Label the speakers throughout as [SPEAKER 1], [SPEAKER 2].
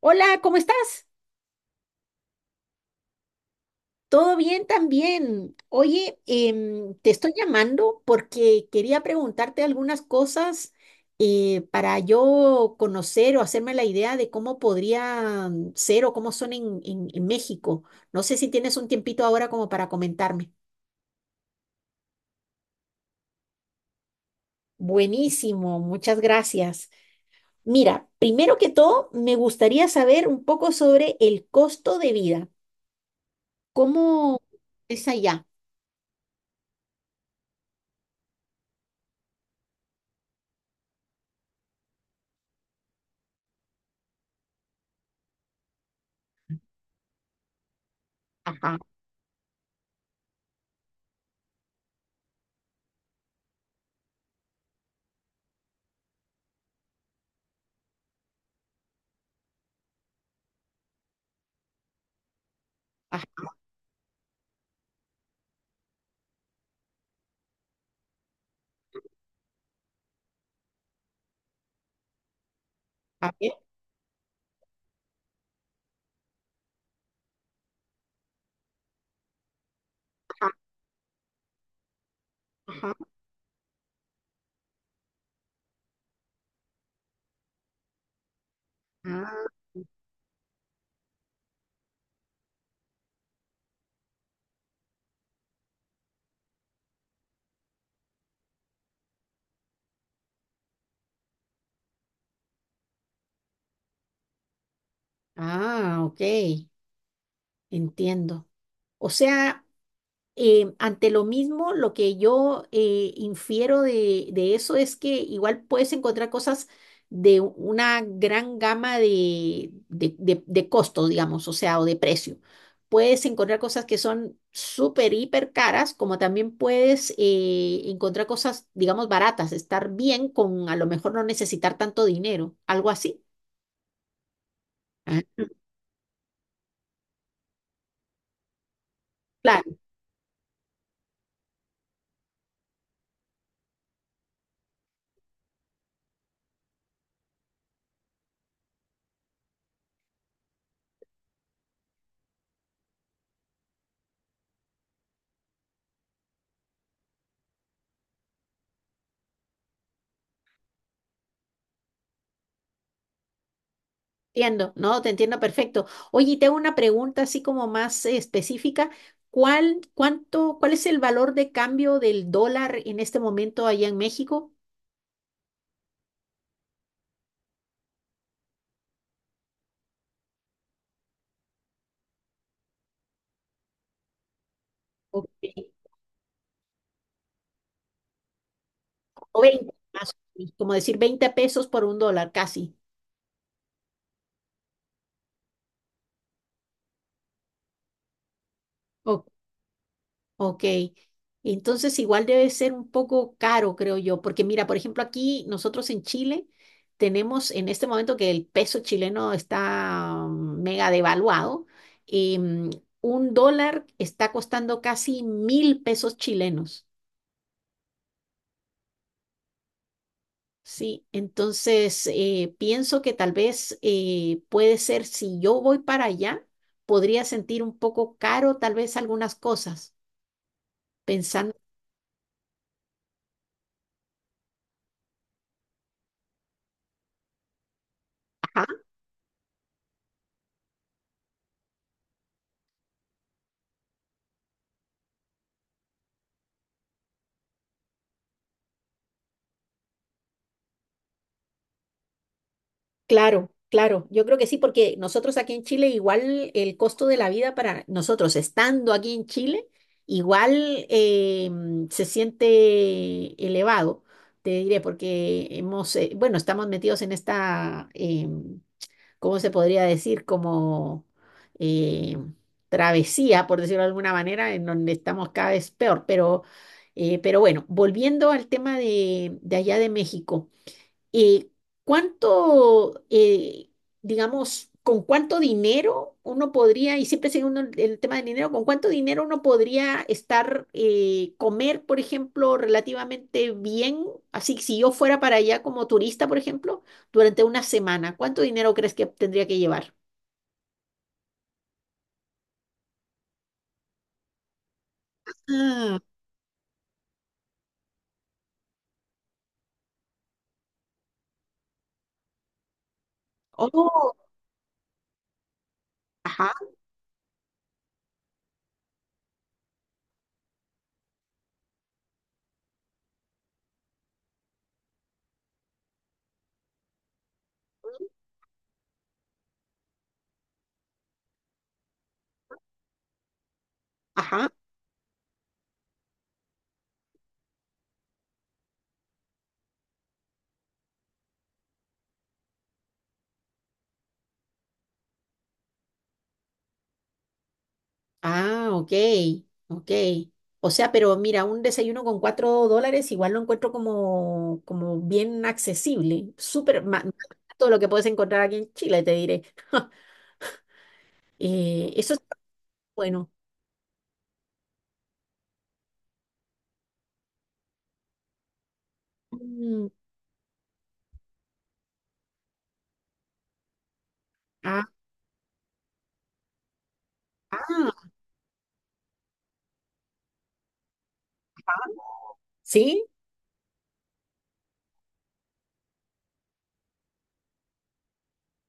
[SPEAKER 1] Hola, ¿cómo estás? ¿Todo bien también? Oye, te estoy llamando porque quería preguntarte algunas cosas, para yo conocer o hacerme la idea de cómo podría ser o cómo son en México. No sé si tienes un tiempito ahora como para comentarme. Buenísimo, muchas gracias. Mira, primero que todo, me gustaría saber un poco sobre el costo de vida. ¿Cómo es allá? Ajá, ajá, a ver, ajá, ajá. Ah, ah, ok, entiendo. O sea, ante lo mismo, lo que yo infiero de eso es que igual puedes encontrar cosas de una gran gama de costos, digamos, o sea, o de precio. Puedes encontrar cosas que son súper, hiper caras, como también puedes encontrar cosas, digamos, baratas, estar bien con a lo mejor no necesitar tanto dinero, algo así. Ah, claro. Entiendo, no, te entiendo perfecto. Oye, y te hago una pregunta así como más específica. ¿Cuál, cuánto, cuál es el valor de cambio del dólar en este momento allá en México? Ok. O 20 más o menos, como decir 20 pesos por un dólar, casi. Ok, entonces igual debe ser un poco caro, creo yo, porque mira, por ejemplo, aquí nosotros en Chile tenemos en este momento que el peso chileno está mega devaluado, y un dólar está costando casi 1.000 pesos chilenos, ¿sí? Entonces, pienso que tal vez puede ser, si yo voy para allá, podría sentir un poco caro tal vez algunas cosas, pensando. Claro, claro, yo creo que sí, porque nosotros aquí en Chile igual el costo de la vida para nosotros estando aquí en Chile igual se siente elevado, te diré, porque hemos, bueno, estamos metidos en esta, ¿cómo se podría decir? Como eh, travesía, por decirlo de alguna manera, en donde estamos cada vez peor, pero bueno, volviendo al tema de allá de México, eh, ¿cuánto, digamos, con cuánto dinero uno podría, y siempre sigue uno el tema del dinero, con cuánto dinero uno podría estar, comer, por ejemplo, relativamente bien? Así, que si yo fuera para allá como turista, por ejemplo, durante una semana, ¿cuánto dinero crees que tendría que llevar? Ah, oh, ajá, ajá. Ah, ok, ok. O sea, pero mira, un desayuno con $4 igual lo encuentro como bien accesible, súper más todo lo que puedes encontrar aquí en Chile, te diré. Eso es bueno. Mm, ah, ah, ¿sí?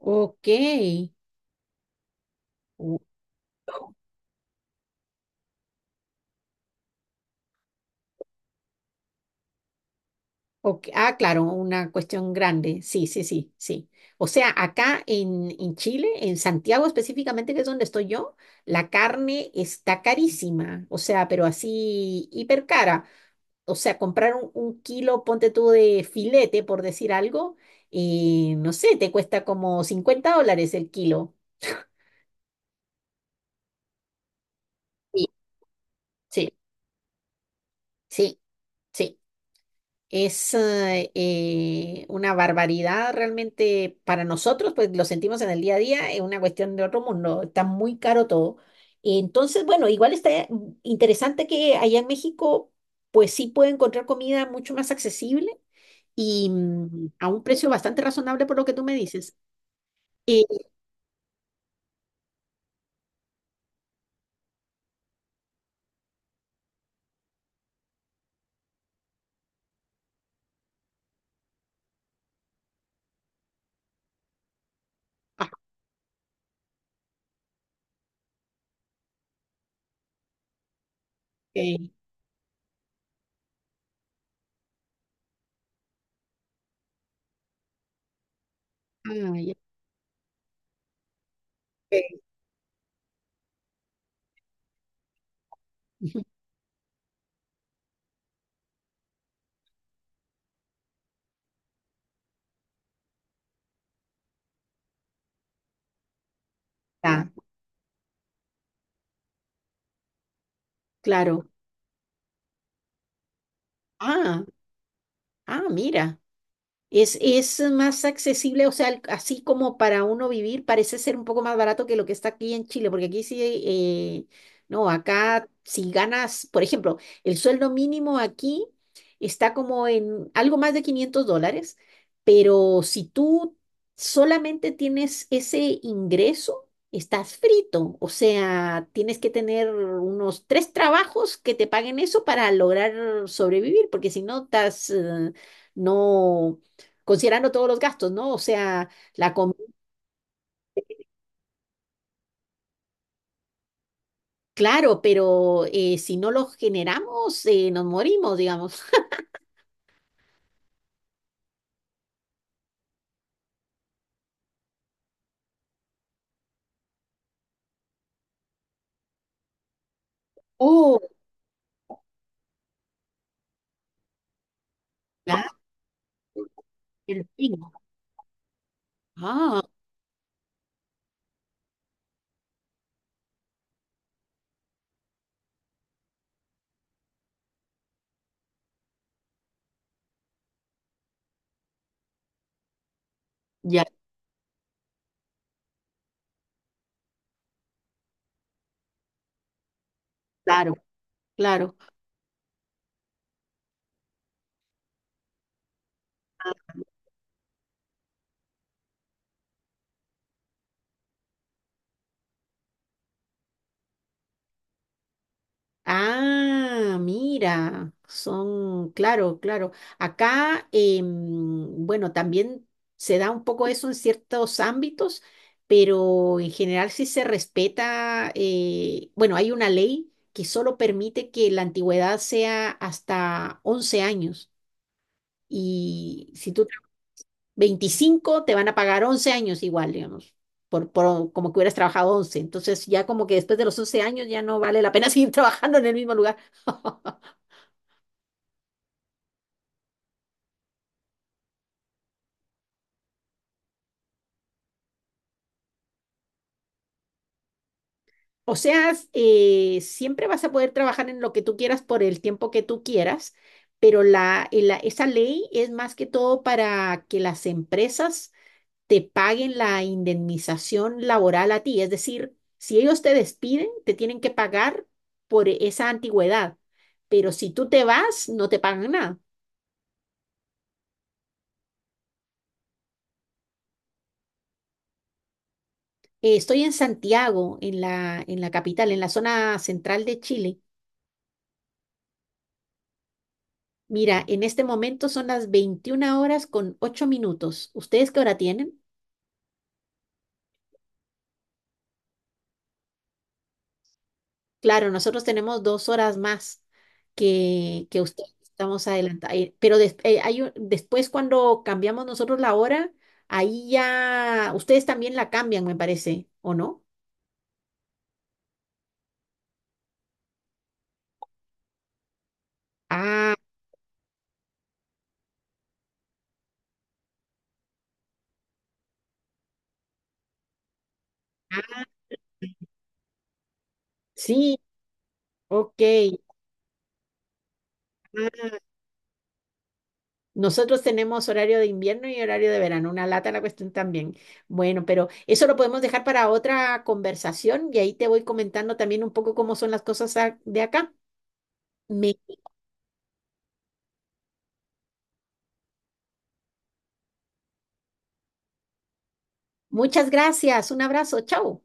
[SPEAKER 1] Ok. Uh, ok, ah, claro, una cuestión grande. Sí, sí, sí, sí. O sea, acá en Chile, en Santiago específicamente, que es donde estoy yo, la carne está carísima. O sea, pero así hiper cara. O sea, comprar un kilo, ponte tú de filete, por decir algo, y no sé, te cuesta como $50 el kilo. Sí, sí, sí, sí. Es una barbaridad realmente para nosotros, pues lo sentimos en el día a día, es una cuestión de otro mundo, está muy caro todo. Entonces, bueno, igual está interesante que allá en México pues sí puede encontrar comida mucho más accesible y a un precio bastante razonable por lo que tú me dices. Eh, ah, ok. Ah, ya, ok. Ya, claro. Ah, ah, mira. Es más accesible, o sea, así como para uno vivir, parece ser un poco más barato que lo que está aquí en Chile, porque aquí sí, eh, no, acá si ganas, por ejemplo, el sueldo mínimo aquí está como en algo más de $500, pero si tú solamente tienes ese ingreso, estás frito, o sea, tienes que tener unos tres trabajos que te paguen eso para lograr sobrevivir, porque si no, estás… no, considerando todos los gastos, ¿no? O sea, la comida, claro, pero si no los generamos, nos morimos, digamos. Oh, claro, el pino. Ah, ya, claro, claro. Ah, mira, son, claro, claro. Acá, bueno, también se da un poco eso en ciertos ámbitos, pero en general sí se respeta, bueno, hay una ley que solo permite que la antigüedad sea hasta 11 años. Y si tú 25, te van a pagar 11 años igual, digamos, por como que hubieras trabajado 11. Entonces ya como que después de los 11 años ya no vale la pena seguir trabajando en el mismo lugar. O sea, siempre vas a poder trabajar en lo que tú quieras por el tiempo que tú quieras, pero esa ley es más que todo para que las empresas te paguen la indemnización laboral a ti. Es decir, si ellos te despiden, te tienen que pagar por esa antigüedad, pero si tú te vas, no te pagan nada. Estoy en Santiago, en la capital, en la zona central de Chile. Mira, en este momento son las 21:08. ¿Ustedes qué hora tienen? Claro, nosotros tenemos 2 horas más que ustedes, estamos adelantados. Pero después cuando cambiamos nosotros la hora, ahí ya ustedes también la cambian, me parece, ¿o no? Ah, ah, sí, ok. Ah, nosotros tenemos horario de invierno y horario de verano, una lata la cuestión también. Bueno, pero eso lo podemos dejar para otra conversación y ahí te voy comentando también un poco cómo son las cosas de acá. Me- muchas gracias, un abrazo, chao.